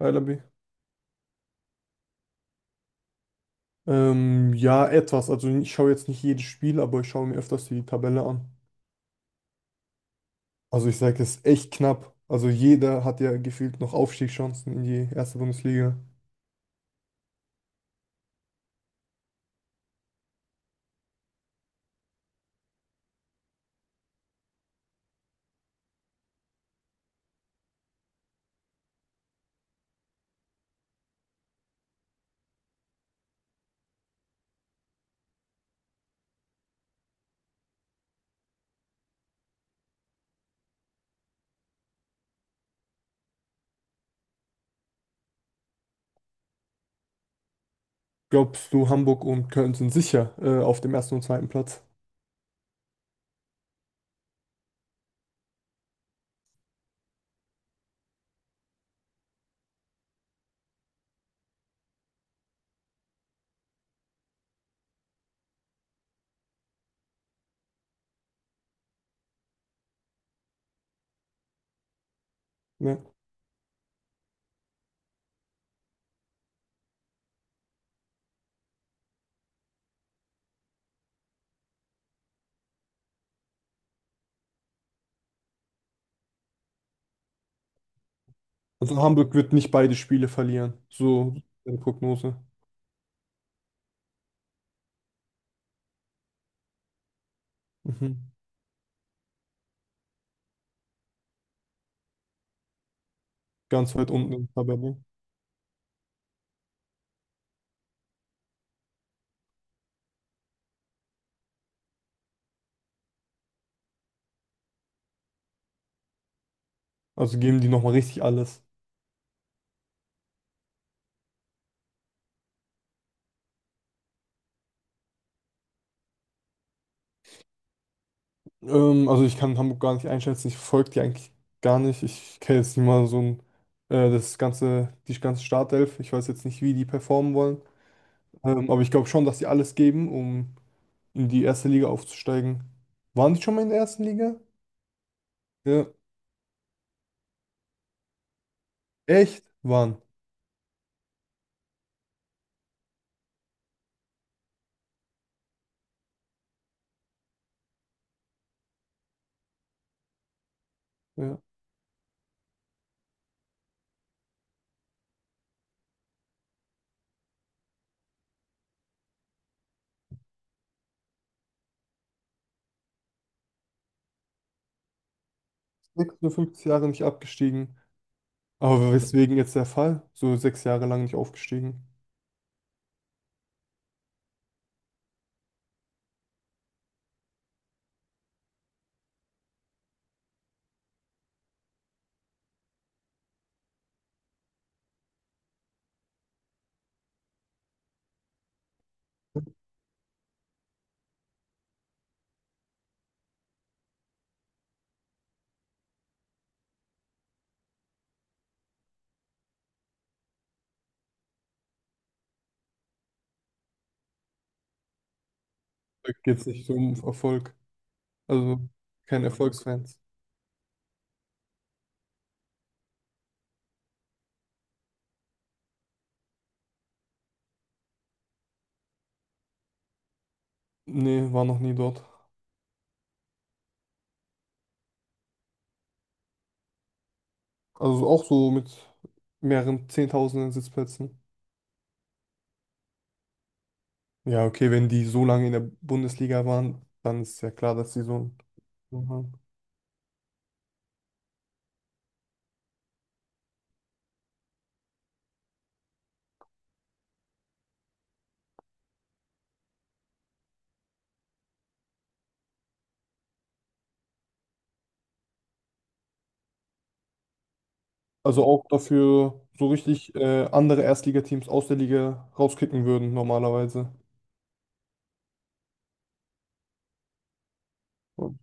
Hi Labi. Ja, etwas. Also ich schaue jetzt nicht jedes Spiel, aber ich schaue mir öfters die Tabelle an. Also ich sage, es ist echt knapp. Also jeder hat ja gefühlt noch Aufstiegschancen in die erste Bundesliga. Glaubst du, Hamburg und Köln sind sicher auf dem ersten und zweiten Platz? Ne? Also Hamburg wird nicht beide Spiele verlieren. So eine Prognose. Mhm. Ganz weit unten in der Tabelle. Also geben die nochmal richtig alles. Also ich kann Hamburg gar nicht einschätzen, ich folge die eigentlich gar nicht. Ich kenne jetzt nicht mal das ganze, die ganze Startelf. Ich weiß jetzt nicht, wie die performen wollen. Aber ich glaube schon, dass sie alles geben, um in die erste Liga aufzusteigen. Waren die schon mal in der ersten Liga? Ja. Echt? Waren. Ja. 56 Jahre nicht abgestiegen. Aber weswegen jetzt der Fall? So sechs Jahre lang nicht aufgestiegen. Da geht's nicht so um Erfolg. Also kein Erfolgsfans. Nee, war noch nie dort. Also auch so mit mehreren Zehntausenden Sitzplätzen. Ja, okay, wenn die so lange in der Bundesliga waren, dann ist ja klar, dass sie so ein. So. Also auch dafür so richtig andere Erstligateams aus der Liga rauskicken würden, normalerweise. Und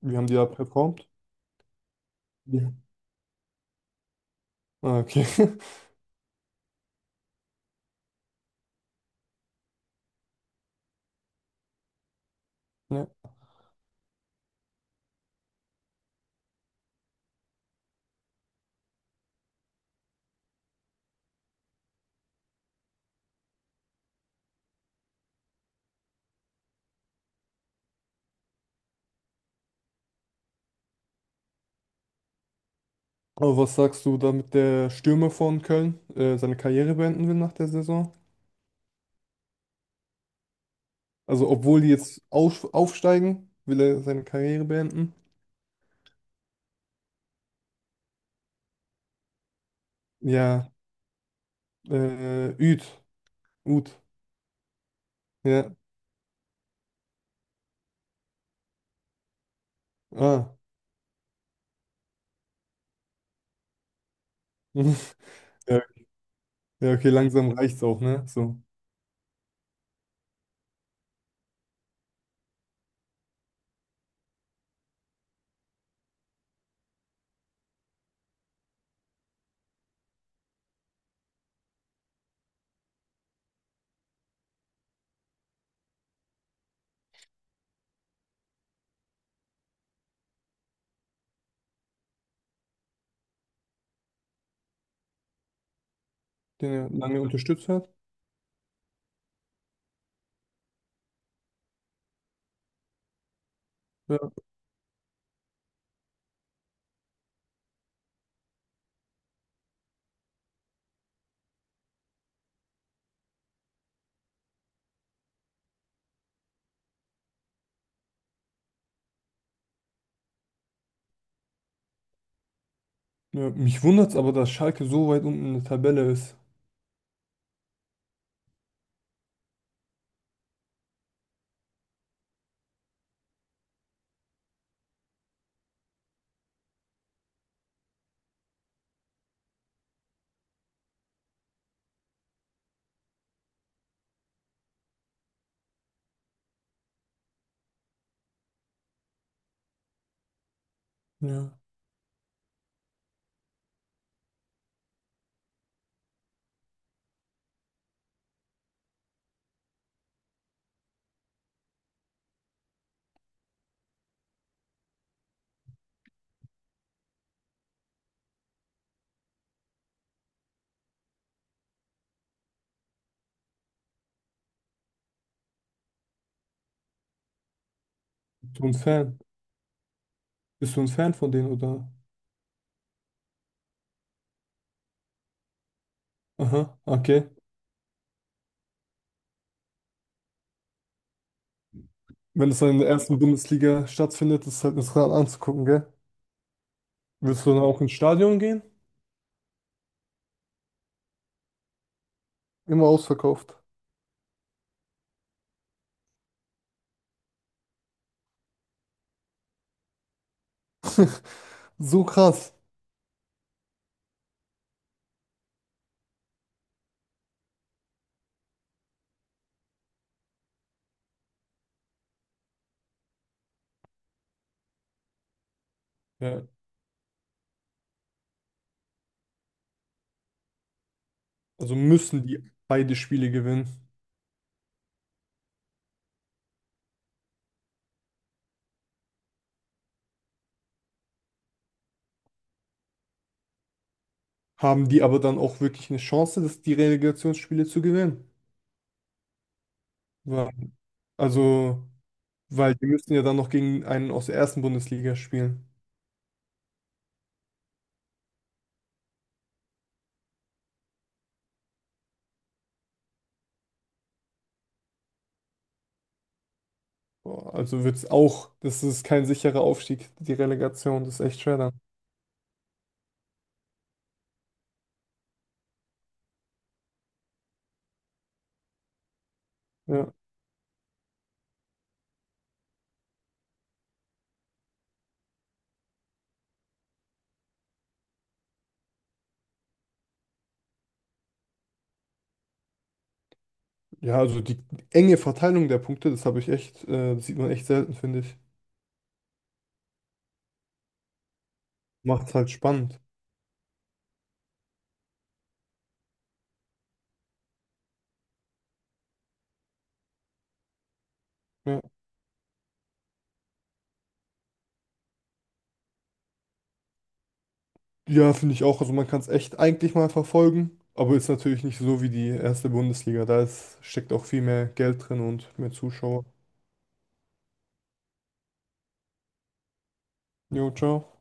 wie haben die da performt? Ja. Ah, okay. Ja. Aber was sagst du, damit der Stürmer von Köln seine Karriere beenden will nach der Saison? Obwohl die jetzt aufsteigen, will er seine Karriere beenden. Ja, Üd. Ut. Ja. Ah. Ja, ja, okay, langsam reicht's auch, ne? So. Den er lange unterstützt hat. Ja. Ja. Mich wundert's aber, dass Schalke so weit unten in der Tabelle ist. Ja. Bist du ein Fan? Bist du ein Fan von denen, oder? Aha, okay. Wenn es dann in der ersten Bundesliga stattfindet, ist es halt das Rad anzugucken, gell? Willst du dann auch ins Stadion gehen? Immer ausverkauft. So krass. Ja, also müssen die beide Spiele gewinnen. Haben die aber dann auch wirklich eine Chance, die Relegationsspiele zu gewinnen? Wa- Also, Weil die müssen ja dann noch gegen einen aus der ersten Bundesliga spielen. Boah, also wird es auch, das ist kein sicherer Aufstieg, die Relegation, das ist echt schwer dann. Ja, ja, also die enge Verteilung der Punkte, das habe ich echt, das sieht man echt selten, finde ich. Macht's halt spannend. Ja, ja finde ich auch. Also man kann es echt eigentlich mal verfolgen, aber ist natürlich nicht so wie die erste Bundesliga. Da ist, steckt auch viel mehr Geld drin und mehr Zuschauer. Jo, ciao.